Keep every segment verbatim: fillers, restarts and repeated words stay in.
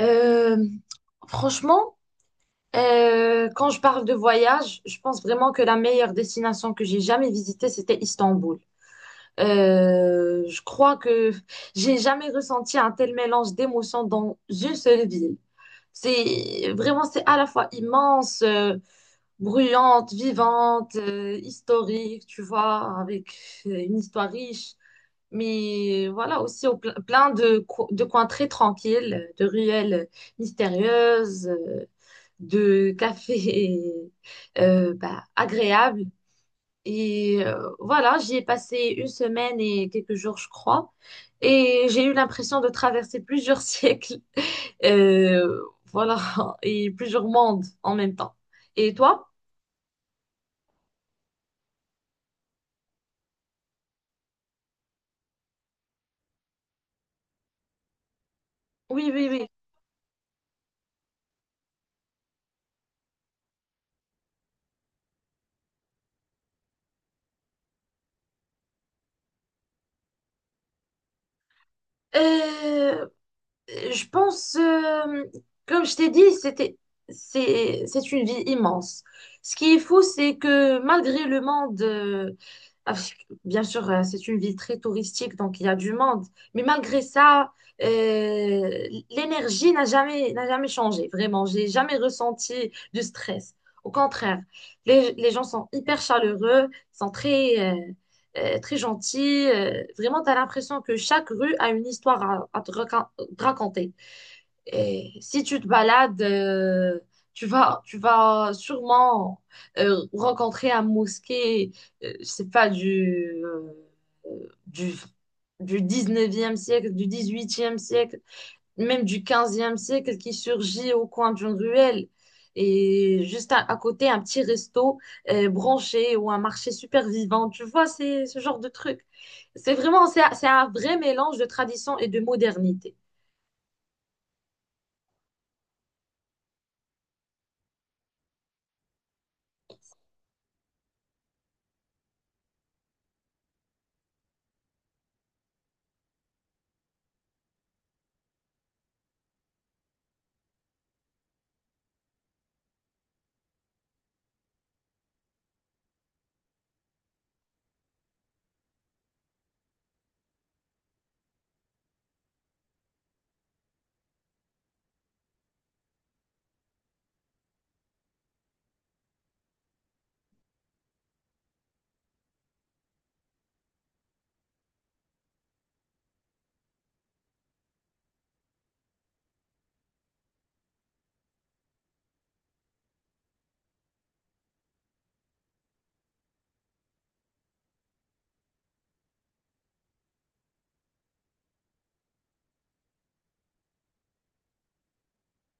Euh, Franchement, euh, quand je parle de voyage, je pense vraiment que la meilleure destination que j'ai jamais visitée, c'était Istanbul. Euh, je crois que j'ai jamais ressenti un tel mélange d'émotions dans une seule ville. C'est vraiment, c'est à la fois immense, euh, bruyante, vivante, euh, historique, tu vois, avec euh, une histoire riche. Mais voilà, aussi au ple- plein de, co- de coins très tranquilles, de ruelles mystérieuses, euh, de cafés euh, bah, agréables. Et euh, voilà, j'y ai passé une semaine et quelques jours, je crois. Et j'ai eu l'impression de traverser plusieurs siècles, euh, voilà, et plusieurs mondes en même temps. Et toi? Oui, oui, oui. Euh, Euh, Je pense, euh, comme je t'ai dit, c'était, c'est, c'est une vie immense. Ce qui est fou, c'est que malgré le monde, euh, avec- bien sûr, euh, c'est une ville très touristique, donc il y a du monde, mais malgré ça, euh, l'énergie n'a jamais, n'a jamais changé, vraiment. J'ai jamais ressenti du stress. Au contraire, les, les gens sont hyper chaleureux, sont très, euh, euh, très gentils. Euh, vraiment, tu as l'impression que chaque rue a une histoire à, à te raconter te raconter. Et si tu te balades, euh, tu vas, tu vas sûrement euh, rencontrer un mosquée, euh, je sais pas, du, euh, du, du dix-neuvième siècle, du dix huitième siècle, même du quinzième siècle qui surgit au coin d'une ruelle. Et juste à, à côté, un petit resto euh, branché ou un marché super vivant. Tu vois, c'est ce genre de truc. C'est vraiment, c'est c'est un vrai mélange de tradition et de modernité.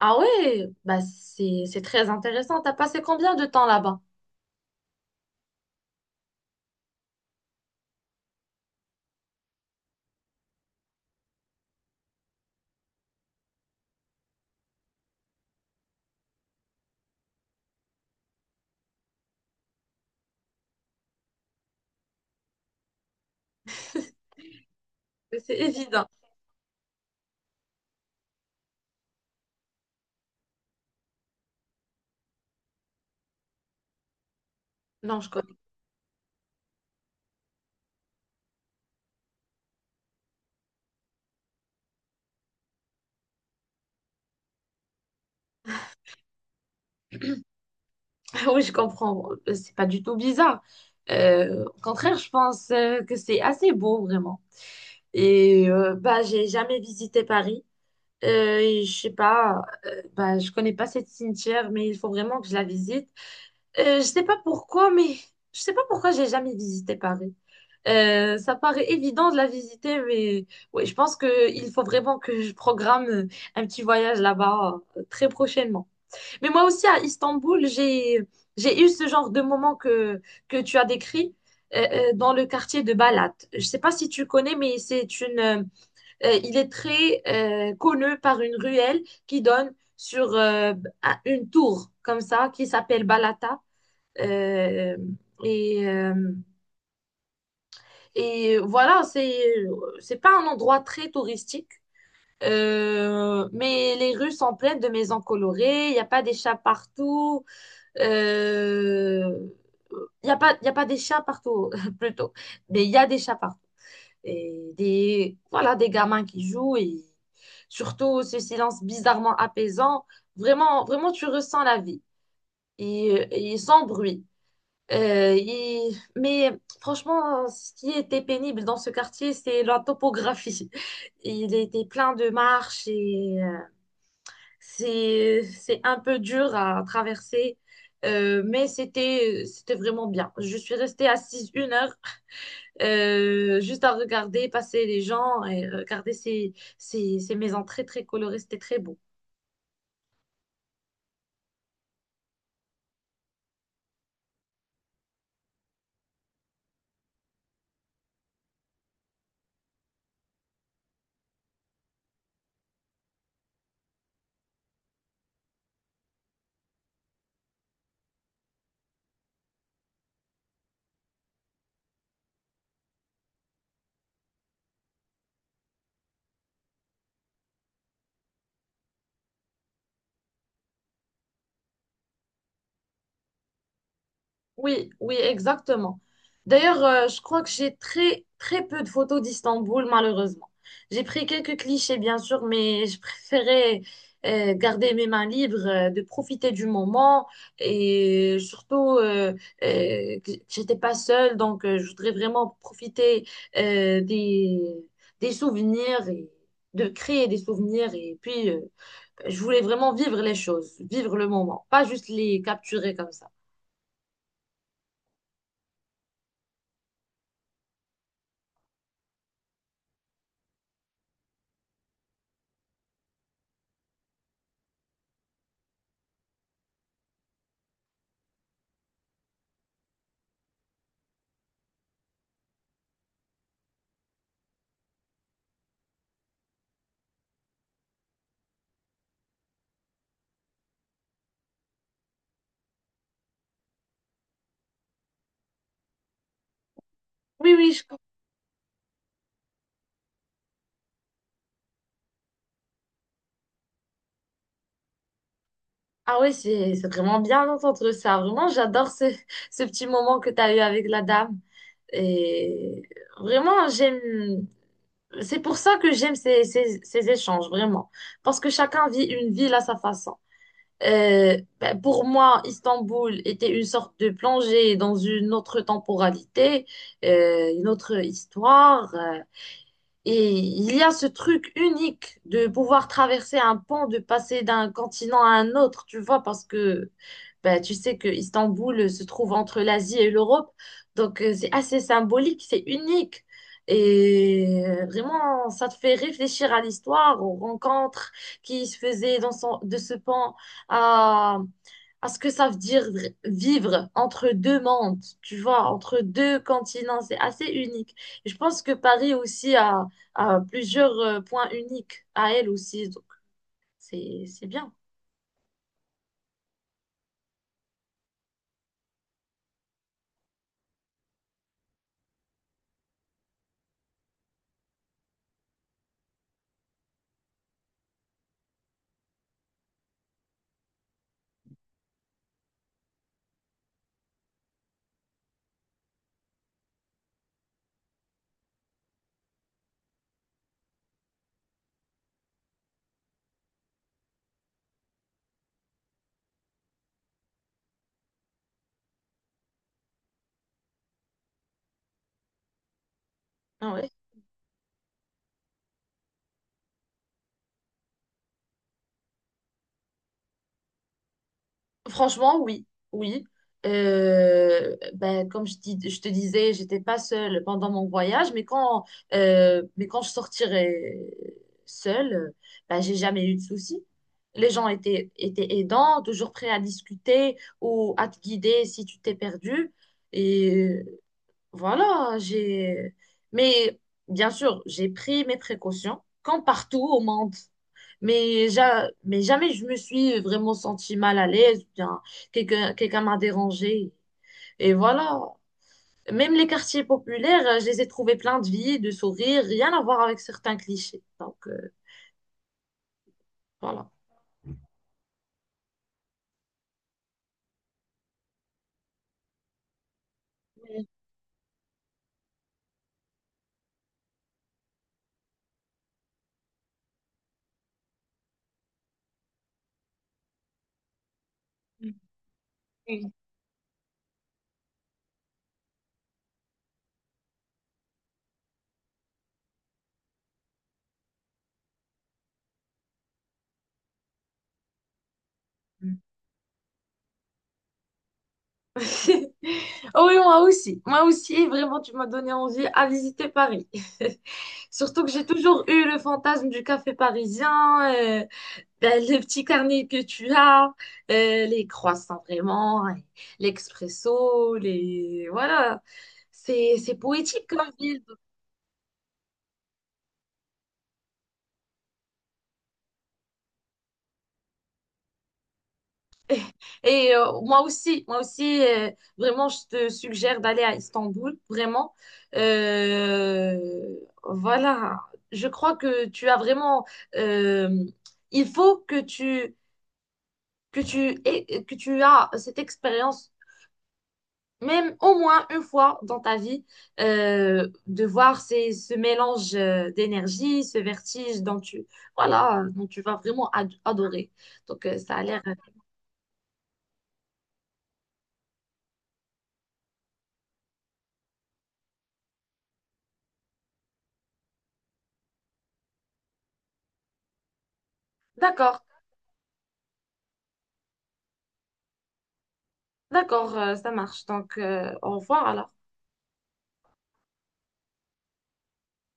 Ah ouais, bah c'est c'est très intéressant. T'as passé combien de temps là-bas? C'est évident. Non, je connais. Oui, je comprends. Euh, C'est pas du tout bizarre. Euh, au contraire, je pense euh, que c'est assez beau vraiment. Et euh, bah j'ai jamais visité Paris. Euh, et je sais pas. Euh, bah je connais pas cette cimetière, mais il faut vraiment que je la visite. Euh, je sais pas pourquoi, mais je sais pas pourquoi j'ai jamais visité Paris. Euh, ça paraît évident de la visiter, mais ouais, je pense que il faut vraiment que je programme euh, un petit voyage là-bas euh, très prochainement. Mais moi aussi à Istanbul, j'ai j'ai eu ce genre de moment que que tu as décrit euh, euh, dans le quartier de Balat. Je sais pas si tu connais, mais c'est une euh, euh, il est très euh, connu par une ruelle qui donne sur euh, un- une tour comme ça qui s'appelle Balata. Euh, et, euh, et voilà, c'est, c'est pas un endroit très touristique. Euh, mais les rues sont pleines de maisons colorées, il n'y a pas des chats partout. Euh, Il n'y a pas, il y a pas des chats partout, plutôt. Mais il y a des chats partout. Et des, voilà, des gamins qui jouent et surtout ce silence bizarrement apaisant. Vraiment, vraiment, tu ressens la vie. Et, et sans bruit. Euh, et- Mais franchement, ce qui était pénible dans ce quartier, c'est la topographie. Il était plein de marches et euh, c'est c'est un peu dur à traverser. Euh, mais c'était c'était vraiment bien. Je suis restée assise une heure euh, juste à regarder passer les gens et regarder ces, ces, ces maisons très très colorées. C'était très beau. Oui, oui, exactement. D'ailleurs, euh, je crois que j'ai très, très peu de photos d'Istanbul, malheureusement. J'ai pris quelques clichés, bien sûr, mais je préférais euh, garder mes mains libres, euh, de profiter du moment. Et surtout, euh, euh, que j'étais pas seule, donc euh, je voudrais vraiment profiter euh, des, des souvenirs et de créer des souvenirs. Et puis, euh, je voulais vraiment vivre les choses, vivre le moment, pas juste les capturer comme ça. Oui, oui, je Ah oui, c'est c'est vraiment bien d'entendre ça. Vraiment, j'adore ce, ce petit moment que tu as eu avec la dame. Et vraiment, j'aime. C'est pour ça que j'aime ces, ces, ces échanges, vraiment. Parce que chacun vit une ville à sa façon. Euh, ben, pour moi, Istanbul était une sorte de plongée dans une autre temporalité, euh, une autre histoire. Euh, et il y a ce truc unique de pouvoir traverser un pont, de passer d'un continent à un autre, tu vois, parce que bah, tu sais que Istanbul se trouve entre l'Asie et l'Europe. Donc euh, c'est assez symbolique, c'est unique. Et euh, vraiment, ça te fait réfléchir à l'histoire, aux rencontres qui se faisaient dans son- de ce pont, à, à ce que ça veut dire vivre entre deux mondes, tu vois, entre deux continents. C'est assez unique. Et je pense que Paris aussi a, a plusieurs euh, points uniques à elle aussi. Donc, c'est, c'est bien. Ah ouais. Franchement, oui, oui. Euh, ben, comme je dis, je te disais, j'étais pas seule pendant mon voyage, mais quand, euh, mais quand je sortirai seule, euh, ben, j'ai jamais eu de soucis. Les gens étaient, étaient aidants, toujours prêts à discuter ou à te guider si tu t'es perdu. Et euh, voilà, j'ai. Mais bien sûr, j'ai pris mes précautions, comme partout au monde. Mais, ja- mais jamais je me suis vraiment sentie mal à l'aise, ou bien quelqu'un quelqu'un m'a dérangée. Et voilà. Même les quartiers populaires, euh, je les ai trouvés pleins de vie, de sourires, rien à voir avec certains clichés. Donc, euh, voilà. Oui. Oh oui, moi aussi. Moi aussi, vraiment, tu m'as donné envie à visiter Paris. Surtout que j'ai toujours eu le fantasme du café parisien, euh, ben, le petit carnet que tu as, euh, les croissants vraiment, et l'expresso, les... Voilà, c'est, c'est poétique comme ville. Et euh, moi aussi, moi aussi, euh, vraiment, je te suggère d'aller à Istanbul, vraiment. Euh, voilà, je crois que tu as vraiment... euh, il faut que tu, que tu, aies- que tu as cette expérience même au moins une fois dans ta vie, euh, de voir ces, ce mélange euh, d'énergie, ce vertige dont tu, voilà, euh, dont tu vas vraiment ad- adorer. Donc, euh, ça a l'air... euh, D'accord, d'accord, euh, ça marche. Donc, euh, au revoir alors.